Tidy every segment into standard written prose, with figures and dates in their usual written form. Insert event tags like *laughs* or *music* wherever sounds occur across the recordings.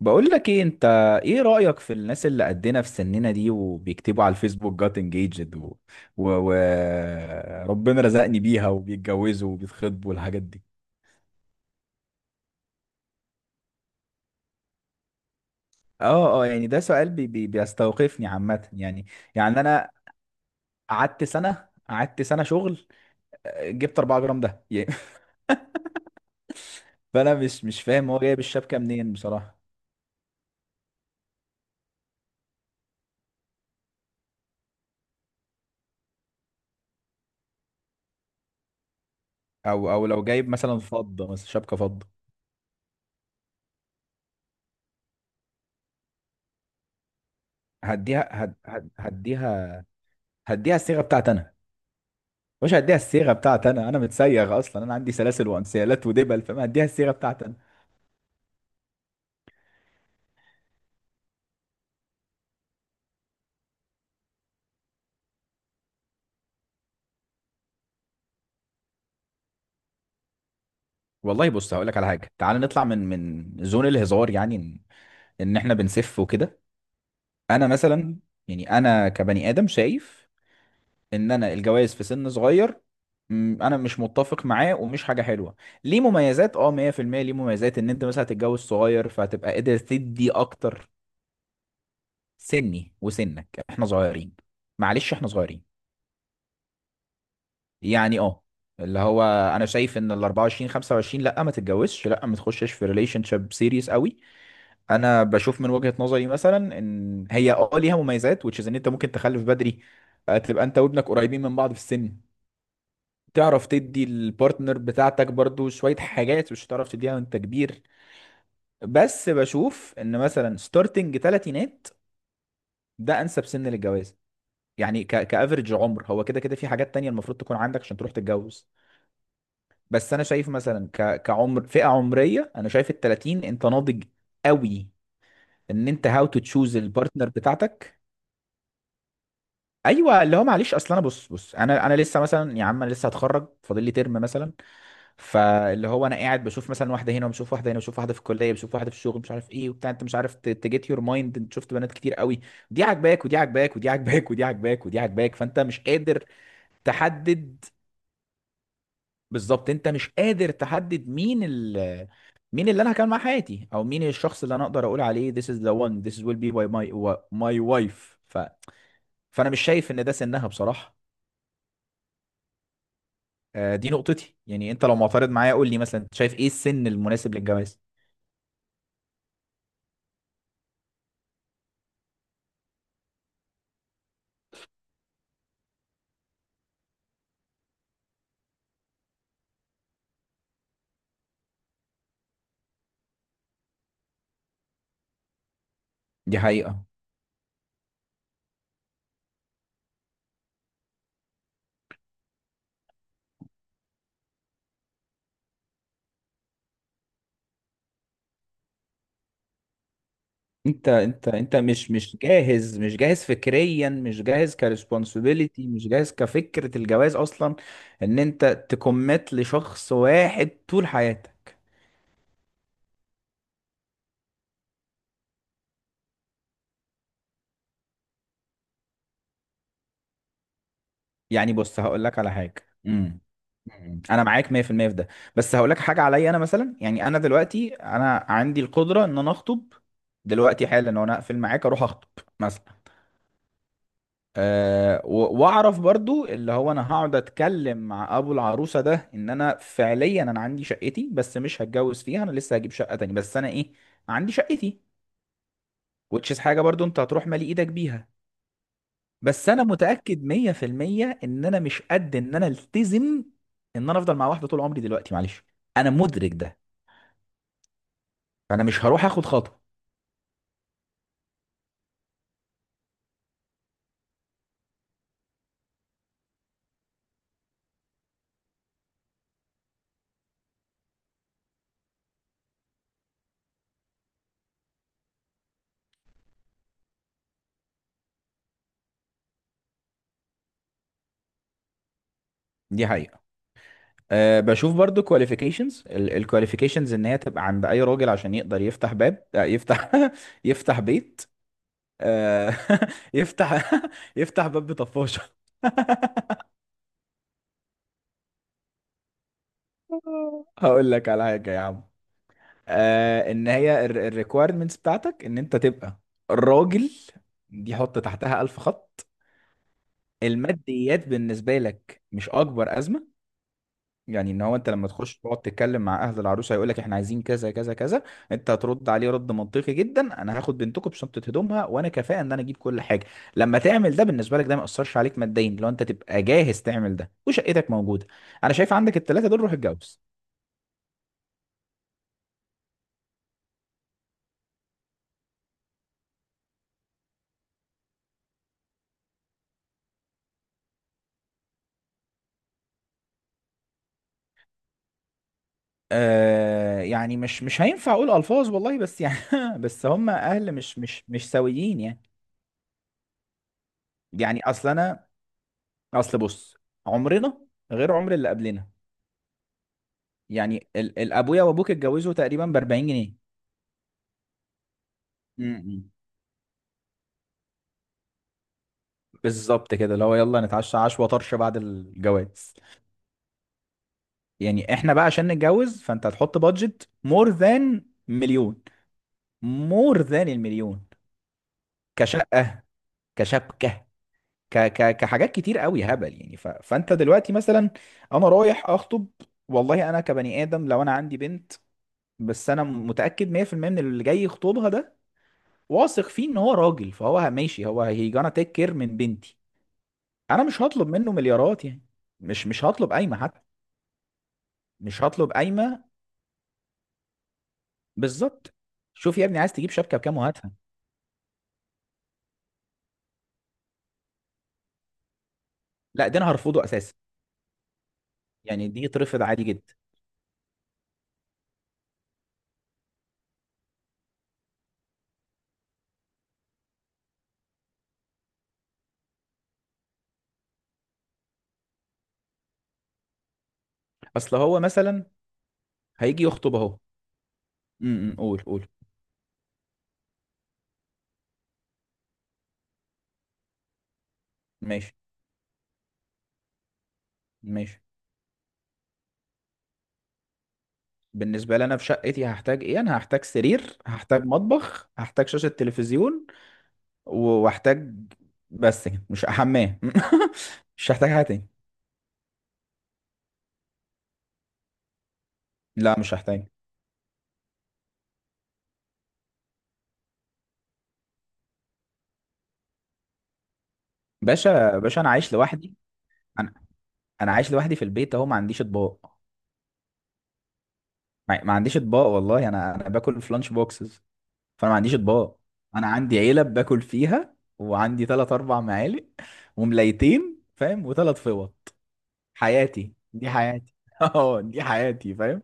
بقول لك ايه انت؟ ايه رأيك في الناس اللي قدنا في سننا دي وبيكتبوا على الفيسبوك جات انجيجد و... و... ربنا رزقني بيها وبيتجوزوا وبيتخطبوا والحاجات دي. اه، يعني ده سؤال بيستوقفني عامة يعني يعني انا قعدت سنة شغل. جبت 4 جرام ده *laughs* يعني. فانا مش فاهم هو جايب الشبكة منين بصراحة. او لو جايب مثلا فضة، مثلا شبكة فضة. هديها هد... هد... هديها هديها الصيغة بتاعتي انا. مش هديها الصيغه بتاعتي انا، انا متسيغ اصلا، انا عندي سلاسل وانسيالات ودبل، فما هديها الصيغه بتاعتي انا. والله بص، هقول لك على حاجه. تعال نطلع من زون الهزار، يعني ان إن احنا بنسف وكده. انا مثلا، يعني انا كبني ادم شايف ان انا الجواز في سن صغير، انا مش متفق معاه ومش حاجه حلوه. ليه مميزات، اه 100%، ليه مميزات ان انت مثلا هتتجوز صغير فهتبقى قادر تدي اكتر. سني وسنك احنا صغيرين، معلش احنا صغيرين. يعني اه، اللي هو انا شايف ان ال 24 25 لا ما تتجوزش، لا ما تخشش في ريليشن شيب سيريس قوي. انا بشوف من وجهة نظري مثلا ان هي اه ليها مميزات which is ان انت ممكن تخلف بدري. تبقى انت وابنك قريبين من بعض في السن. تعرف تدي البارتنر بتاعتك برضو شوية حاجات مش هتعرف تديها وانت كبير. بس بشوف ان مثلا ستارتنج تلاتينات، ده انسب سن للجواز. يعني كافريج عمر، هو كده كده في حاجات تانية المفروض تكون عندك عشان تروح تتجوز. بس انا شايف مثلا كعمر، فئه عمريه انا شايف ال 30 انت ناضج قوي ان انت هاو تو تشوز البارتنر بتاعتك. ايوه، اللي هو معلش، اصل انا، بص انا لسه مثلا، يا عم انا لسه هتخرج، فاضل لي ترم مثلا. فاللي هو انا قاعد بشوف مثلا واحده هنا، وبشوف واحده هنا، وبشوف واحده في الكليه، بشوف واحده في الشغل مش عارف ايه وبتاع، انت مش عارف، تجيت يور مايند انت شفت بنات كتير قوي، دي عاجباك ودي عاجباك ودي عاجباك ودي عاجباك ودي عاجباك، فانت مش قادر تحدد. بالظبط، انت مش قادر تحدد مين ال، مين اللي انا هكمل مع حياتي، او مين الشخص اللي انا اقدر اقول عليه this is the one، this will be my my wife. فانا مش شايف ان ده سنها بصراحة. دي نقطتي، يعني انت لو معترض معايا قول لي مثلا انت شايف ايه السن المناسب للجواز. دي حقيقة. انت مش جاهز، مش جاهز فكريا، مش جاهز كريسبونسبيلتي، مش جاهز كفكرة الجواز اصلا، ان انت تكمت لشخص واحد طول حياتك. يعني بص، هقول لك على حاجه. امم انا معاك 100% في المية في ده. بس هقول لك حاجه، عليا انا مثلا، يعني انا دلوقتي انا عندي القدره ان انا اخطب دلوقتي حالا، وانا اقفل معاك اروح اخطب مثلا. واعرف برضو اللي هو انا هقعد اتكلم مع ابو العروسه ده ان انا فعليا انا عندي شقتي، بس مش هتجوز فيها، انا لسه هجيب شقه تاني، بس انا ايه، عندي شقتي، which is حاجه برضو انت هتروح مالي ايدك بيها. بس انا متاكد 100% ان انا مش قد ان انا التزم ان انا افضل مع واحده طول عمري دلوقتي، معلش انا مدرك ده. فانا مش هروح اخد خطوه. دي حقيقه. أه، بشوف برضو الكواليفيكيشنز ان هي تبقى عند اي راجل عشان يقدر يفتح باب، يفتح *laughs* يفتح بيت. أه *laughs* يفتح *laughs* يفتح باب بطفاشه *laughs* هقول لك على حاجه يا عم. آه، ان هي الريكويرمنتس بتاعتك ان انت تبقى راجل، دي حط تحتها الف خط. الماديات بالنسبه لك مش اكبر ازمه، يعني ان هو انت لما تخش تقعد تتكلم مع اهل العروسه هيقول لك احنا عايزين كذا كذا كذا، انت هترد عليه رد منطقي جدا، انا هاخد بنتكم بشنطه هدومها وانا كفاءه ان انا اجيب كل حاجه. لما تعمل ده، بالنسبه لك ده ما ياثرش عليك ماديا، لو انت تبقى جاهز تعمل ده وشقتك موجوده، انا شايف عندك الثلاثه دول روح اتجوز. آه، يعني مش هينفع اقول الفاظ والله، بس يعني *laughs* بس هم اهل مش سويين يعني. يعني اصل انا، اصل بص، عمرنا غير عمر اللي قبلنا. يعني الابويا وابوك اتجوزوا تقريبا ب 40 جنيه. امم، بالظبط كده، اللي هو يلا نتعشى عشوة طرش بعد الجواز. يعني احنا بقى عشان نتجوز، فانت هتحط بادجت مور ذان مليون، مور ذان المليون، كشقة، كشبكة، ك ك كحاجات كتير قوي، هبل يعني. ف فانت دلوقتي مثلا، انا رايح اخطب. والله انا كبني ادم لو انا عندي بنت، بس انا متاكد 100% من اللي جاي يخطبها ده، واثق فيه ان هو راجل، فهو ماشي، هو هي جانا، تيك كير من بنتي، انا مش هطلب منه مليارات يعني. مش هطلب قايمه حتى، مش هطلب قايمه. بالظبط. شوف يا ابني، عايز تجيب شبكه بكام وهاتها. لا ده انا هرفضه اساسا. يعني دي يترفض عادي جدا. اصل هو مثلا هيجي يخطب اهو. امم، قول قول. ماشي ماشي. بالنسبة لي أنا في شقتي هحتاج إيه؟ أنا هحتاج سرير، هحتاج مطبخ، هحتاج شاشة تلفزيون، وهحتاج، بس كده، مش حمام *laughs* مش هحتاج حاجة تاني، لا مش هحتاج. باشا باشا، أنا عايش لوحدي. أنا أنا عايش لوحدي في البيت أهو، ما عنديش أطباق. ما عنديش أطباق والله. أنا باكل في لانش بوكسز، فأنا ما عنديش أطباق. أنا عندي علب باكل فيها، وعندي تلات أربع معالق، وملايتين فاهم، وتلات فوط. حياتي، دي حياتي *laughs* أه دي حياتي، فاهم؟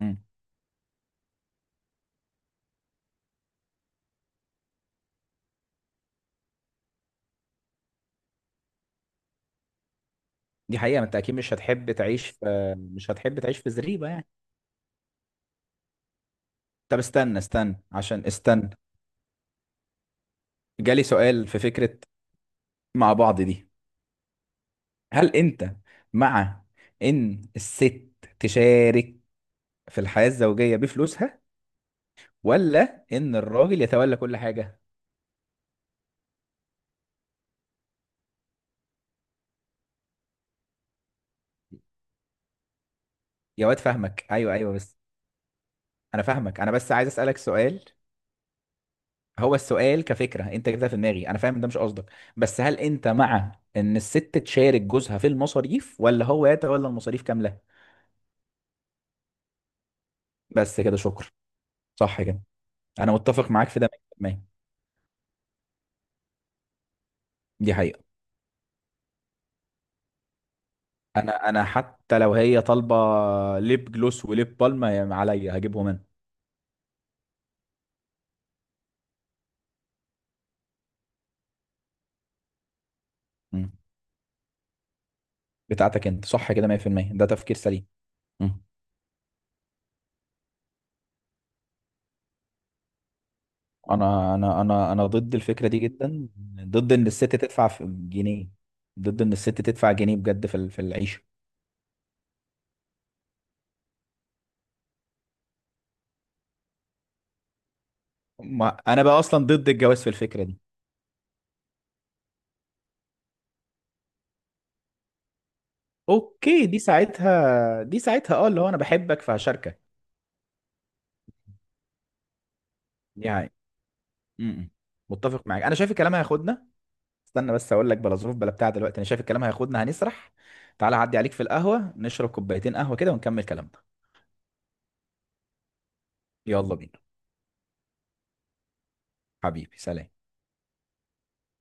مم. دي حقيقة، ما انت اكيد مش هتحب تعيش في، مش هتحب تعيش في زريبة يعني. طب استنى عشان، استنى، جالي سؤال في فكرة، مع بعض دي، هل انت مع ان الست تشارك في الحياة الزوجية بفلوسها، ولا ان الراجل يتولى كل حاجة؟ يا واد فاهمك، ايوه ايوه، بس انا فاهمك، انا بس عايز اسألك سؤال. هو السؤال كفكرة انت جبتها في دماغي، انا فاهم ده مش قصدك، بس هل انت مع ان الست تشارك جوزها في المصاريف، ولا هو يتولى المصاريف كاملة؟ بس كده، شكرا. صح كده، انا متفق معاك في ده 100%. دي حقيقة. انا حتى لو هي طالبة ليب جلوس وليب بالم، عليا هجيبهم انا. مم. بتاعتك انت، صح كده 100%، ده تفكير سليم. مم. انا ضد الفكرة دي جدا، ضد ان الست تدفع في جنيه، ضد ان الست تدفع جنيه بجد في في العيشة. ما انا بقى اصلا ضد الجواز في الفكرة دي. اوكي، دي ساعتها اه، اللي هو انا بحبك فهشاركك يعني. مم. متفق معاك. انا شايف الكلام هياخدنا. استنى بس اقول لك، بلا ظروف بلا بتاع دلوقتي، انا شايف الكلام هياخدنا هنسرح. تعالى عدي عليك في القهوة، نشرب كوبايتين قهوة كده ونكمل كلامنا. يلا بينا. حبيبي سلام.